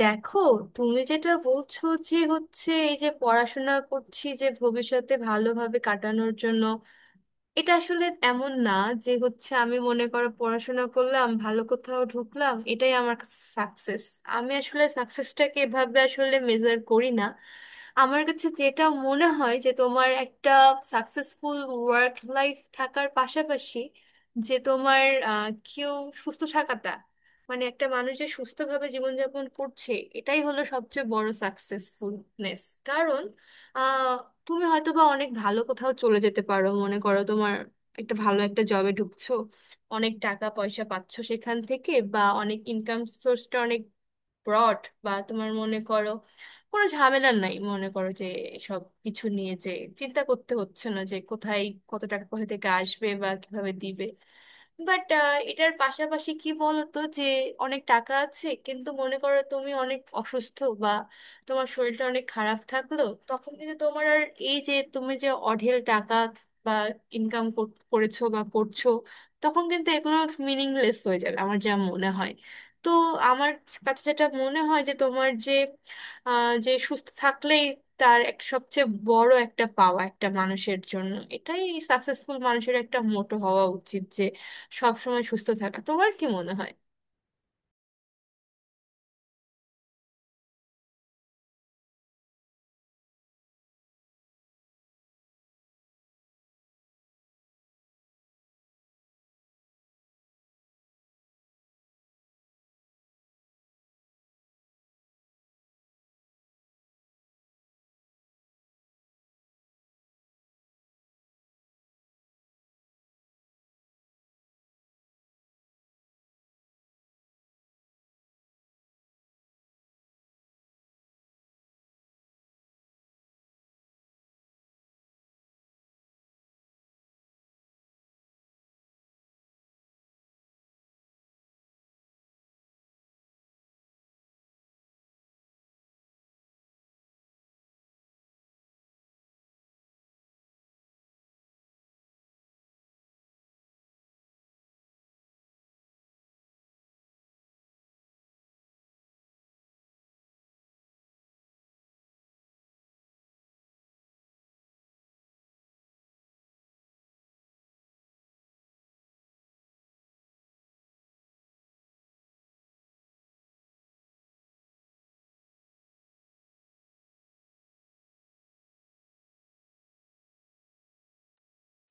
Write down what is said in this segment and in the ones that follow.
দেখো, তুমি যেটা বলছো যে হচ্ছে এই যে পড়াশোনা করছি যে ভবিষ্যতে ভালোভাবে কাটানোর জন্য, এটা আসলে এমন না যে হচ্ছে আমি মনে করো পড়াশোনা করলাম, ভালো কোথাও ঢুকলাম, এটাই আমার সাকসেস। আমি আসলে সাকসেসটাকে এভাবে আসলে মেজার করি না। আমার কাছে যেটা মনে হয় যে তোমার একটা সাকসেসফুল ওয়ার্ক লাইফ থাকার পাশাপাশি যে তোমার কেউ সুস্থ থাকাটা, মানে একটা মানুষ যে সুস্থভাবে জীবনযাপন করছে, এটাই হলো সবচেয়ে বড় সাকসেসফুলনেস। কারণ আহ, তুমি হয়তো বা অনেক ভালো কোথাও চলে যেতে পারো, মনে করো তোমার একটা ভালো একটা জবে ঢুকছো, অনেক টাকা পয়সা পাচ্ছো সেখান থেকে, বা অনেক ইনকাম সোর্সটা অনেক ব্রড, বা তোমার মনে করো কোনো ঝামেলা নাই, মনে করো যে সব কিছু নিয়ে যে চিন্তা করতে হচ্ছে না যে কোথায় কত টাকা কোথা থেকে আসবে বা কিভাবে দিবে। বাট এটার পাশাপাশি কি বলতো যে অনেক টাকা আছে, কিন্তু মনে করো তুমি অনেক অসুস্থ, বা তোমার শরীরটা অনেক খারাপ থাকলো, তখন কিন্তু তোমার আর এই যে তুমি যে অঢেল টাকা বা ইনকাম করেছো বা করছো, তখন কিন্তু এগুলো মিনিংলেস হয়ে যাবে আমার যা মনে হয়। তো আমার কাছে যেটা মনে হয় যে তোমার যে যে সুস্থ থাকলেই তার এক সবচেয়ে বড় একটা পাওয়া, একটা মানুষের জন্য এটাই। সাকসেসফুল মানুষের একটা মোটো হওয়া উচিত যে সবসময় সুস্থ থাকা। তোমার কি মনে হয়?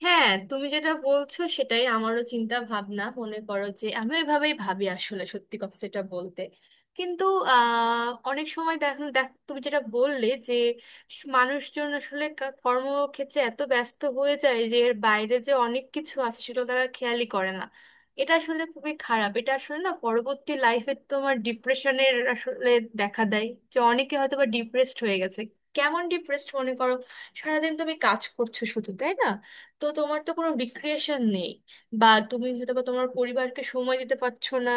হ্যাঁ, তুমি যেটা বলছো সেটাই আমারও চিন্তা ভাবনা, মনে করো যে আমি ওইভাবেই ভাবি আসলে, সত্যি কথা যেটা বলতে। কিন্তু অনেক সময় দেখ, তুমি যেটা বললে যে মানুষজন আসলে কর্মক্ষেত্রে এত ব্যস্ত হয়ে যায় যে এর বাইরে যে অনেক কিছু আছে সেটা তারা খেয়ালই করে না। এটা আসলে খুবই খারাপ, এটা আসলে না পরবর্তী লাইফে তোমার ডিপ্রেশনের আসলে দেখা দেয় যে অনেকে হয়তো বা ডিপ্রেসড হয়ে গেছে। কেমন ডিপ্রেসড? মনে করো সারাদিন তুমি কাজ করছো, শুধু তাই না, তো তোমার তো কোনো রিক্রিয়েশন নেই, বা তুমি হয়তো বা তোমার পরিবারকে সময় দিতে পারছো না,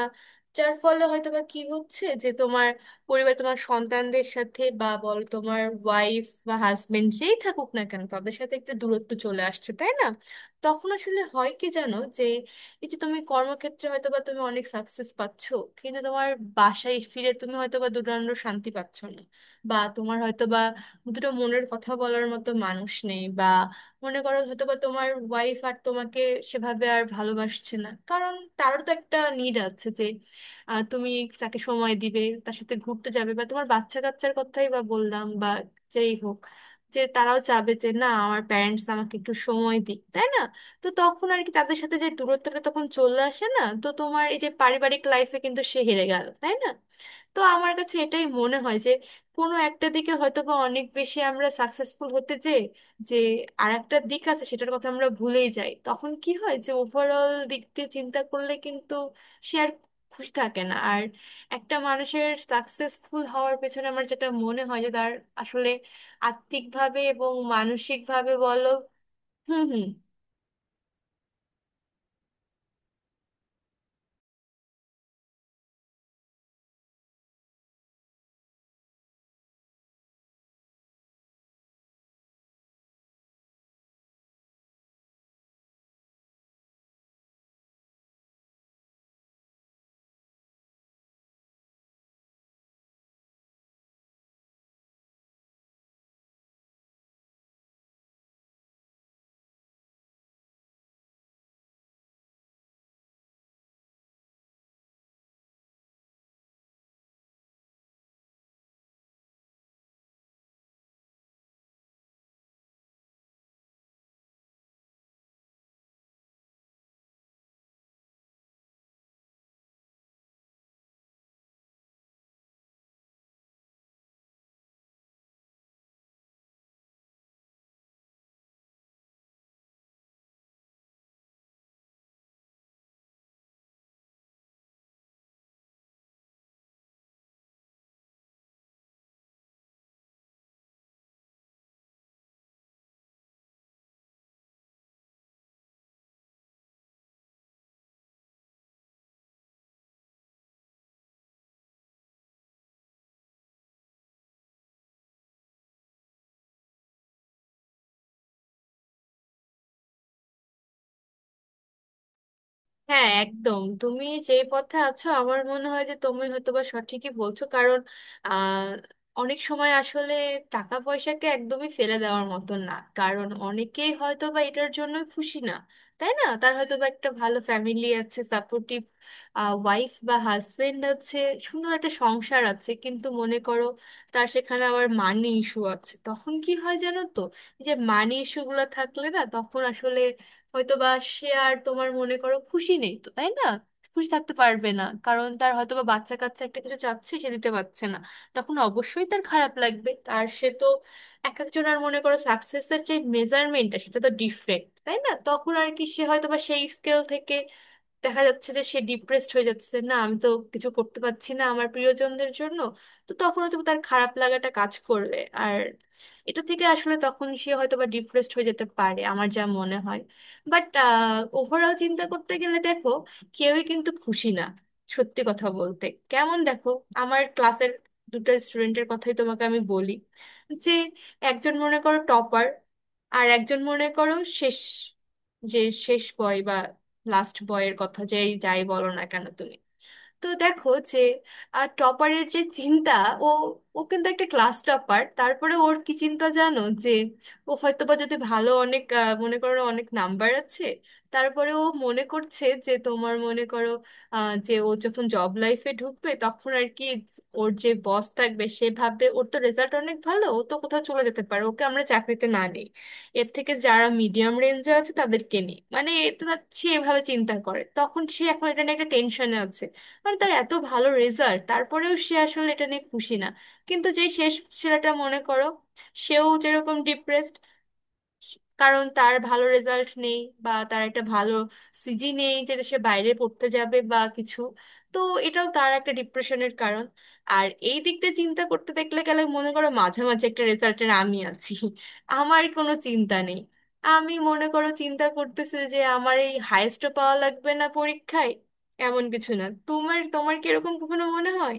যার ফলে হয়তো বা কি হচ্ছে যে তোমার পরিবার, তোমার সন্তানদের সাথে বা বলো তোমার ওয়াইফ বা হাজবেন্ড যেই থাকুক না কেন, তাদের সাথে একটা দূরত্ব চলে আসছে, তাই না? তখন আসলে হয় কি জানো, যে এই যে তুমি কর্মক্ষেত্রে হয়তো বা তুমি অনেক সাকসেস পাচ্ছ, কিন্তু তোমার বাসায় ফিরে তুমি হয়তো বা দুদণ্ড শান্তি পাচ্ছ না, বা তোমার হয়তো বা দুটো মনের কথা বলার মতো মানুষ নেই, বা মনে করো হয়তো বা তোমার ওয়াইফ আর তোমাকে সেভাবে আর ভালোবাসছে না, কারণ তারও তো একটা নিড আছে যে তুমি তাকে সময় দিবে, তার সাথে ঘুরতে যাবে, বা তোমার বাচ্চা কাচ্চার কথাই বা বললাম, বা যেই হোক, যে তারাও চাবে যে না, আমার প্যারেন্টস আমাকে একটু সময় দিক, তাই না? তো তখন আর কি, তাদের সাথে যে দূরত্বটা তখন চলে আসে না, তো তোমার এই যে পারিবারিক লাইফে কিন্তু সে হেরে গেল, তাই না? তো আমার কাছে এটাই মনে হয় যে কোনো একটা দিকে হয়তো বা অনেক বেশি আমরা সাকসেসফুল হতে চাই যে আর একটা দিক আছে সেটার কথা আমরা ভুলেই যাই। তখন কি হয় যে ওভারঅল দিক দিয়ে চিন্তা করলে কিন্তু সে আর খুশি থাকে না। আর একটা মানুষের সাকসেসফুল হওয়ার পেছনে আমার যেটা মনে হয় যে তার আসলে আত্মিকভাবে এবং মানসিকভাবে বলো। হুম, হুম। হ্যাঁ, একদম, তুমি যেই পথে আছো আমার মনে হয় যে তুমি হয়তোবা সঠিকই বলছো। কারণ আহ, অনেক সময় আসলে টাকা পয়সাকে একদমই ফেলে দেওয়ার মতো না, কারণ অনেকেই হয়তোবা এটার জন্য খুশি না, তাই না? তার হয়তো বা একটা ভালো ফ্যামিলি আছে, সাপোর্টিভ ওয়াইফ বা হাজবেন্ড আছে, সুন্দর একটা সংসার আছে, কিন্তু মনে করো তার সেখানে আবার মানি ইস্যু আছে। তখন কি হয় জানো তো, এই যে মানি ইস্যুগুলো থাকলে না, তখন আসলে হয়তো বা সে আর তোমার মনে করো খুশি নেই তো, তাই না? খুশি থাকতে পারবে না, কারণ তার হয়তো বা বাচ্চা কাচ্চা একটা কিছু চাচ্ছে, সে দিতে পারছে না, তখন অবশ্যই তার খারাপ লাগবে। আর সে তো এক একজনের মনে করো সাকসেসের যে মেজারমেন্টটা, সেটা তো ডিফারেন্ট, তাই না? তখন আর কি সে হয়তো বা সেই স্কেল থেকে দেখা যাচ্ছে যে সে ডিপ্রেসড হয়ে যাচ্ছে না, আমি তো কিছু করতে পারছি না আমার প্রিয়জনদের জন্য। তো তখন হয়তো তার খারাপ লাগাটা কাজ করবে, আর এটা থেকে আসলে তখন সে হয়তো বা ডিপ্রেসড হয়ে যেতে পারে আমার যা মনে হয়। বাট ওভারঅল চিন্তা করতে গেলে দেখো, কেউই কিন্তু খুশি না, সত্যি কথা বলতে। কেমন? দেখো, আমার ক্লাসের দুটো স্টুডেন্টের কথাই তোমাকে আমি বলি, যে একজন মনে করো টপার, আর একজন মনে করো শেষ, যে শেষ বয় বা লাস্ট বয়ের কথা যেই যাই বলো না কেন তুমি। তো দেখো যে টপারের যে চিন্তা, ও ও কিন্তু একটা ক্লাস টপার, তারপরে ওর কি চিন্তা জানো, যে ও হয়তো বা যদি ভালো অনেক মনে করো অনেক নাম্বার আছে, তারপরে ও মনে করছে যে তোমার মনে করো যে ও যখন জব লাইফে ঢুকবে, তখন আর কি ওর যে বস থাকবে সে ভাববে ওর তো রেজাল্ট অনেক ভালো, ও তো কোথাও চলে যেতে পারে, ওকে আমরা চাকরিতে না নিই, এর থেকে যারা মিডিয়াম রেঞ্জে আছে তাদেরকে নিই, মানে এটা সে এভাবে চিন্তা করে, তখন সে এখন এটা নিয়ে একটা টেনশনে আছে, মানে তার এত ভালো রেজাল্ট তারপরেও সে আসলে এটা নিয়ে খুশি না। কিন্তু যেই শেষ ছেলেটা মনে করো, সেও যেরকম ডিপ্রেসড, কারণ তার ভালো রেজাল্ট নেই, বা তার একটা ভালো সিজি নেই যে সে বাইরে পড়তে যাবে বা কিছু। তো এটাও তার একটা ডিপ্রেশনের কারণ। আর এই দিক দিয়ে চিন্তা করতে দেখলে গেলে মনে করো মাঝামাঝি একটা রেজাল্টের আমি আছি। আমার কোনো চিন্তা নেই, আমি মনে করো চিন্তা করতেছি যে আমার এই হায়েস্টও পাওয়া লাগবে না পরীক্ষায়, এমন কিছু না। তোমার তোমার কি এরকম কখনো মনে হয়?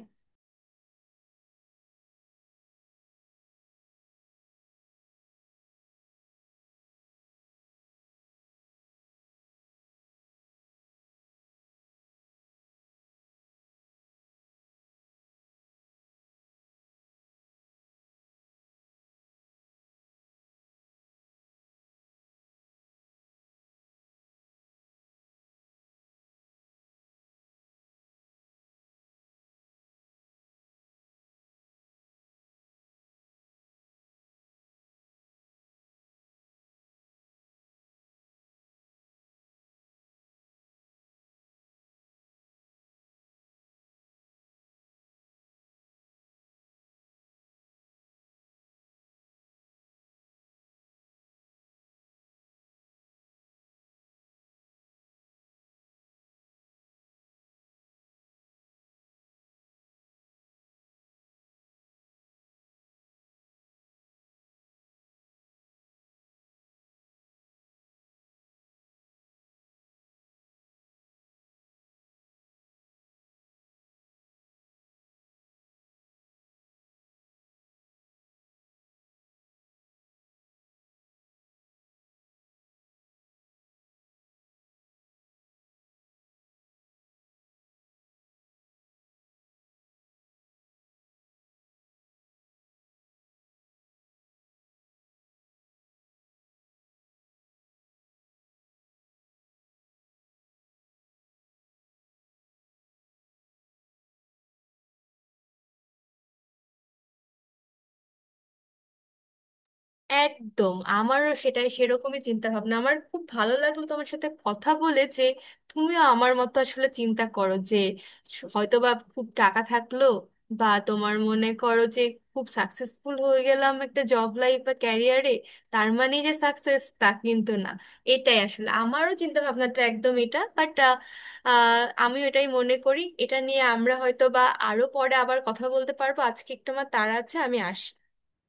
একদম, আমারও সেরকমই চিন্তা ভাবনা। আমার খুব ভালো লাগলো তোমার সাথে কথা বলে যে তুমিও আমার মতো আসলে চিন্তা করো, যে হয়তো বা খুব টাকা থাকলো বা তোমার মনে করো যে খুব সাকসেসফুল হয়ে গেলাম একটা জব লাইফ বা ক্যারিয়ারে, তার মানে যে সাকসেস তা কিন্তু না। এটাই আসলে আমারও চিন্তা ভাবনাটা একদম এটা। বাট আমি এটাই মনে করি এটা নিয়ে আমরা হয়তো বা আরো পরে আবার কথা বলতে পারবো, আজকে একটু আমার তাড়া আছে, আমি আসি।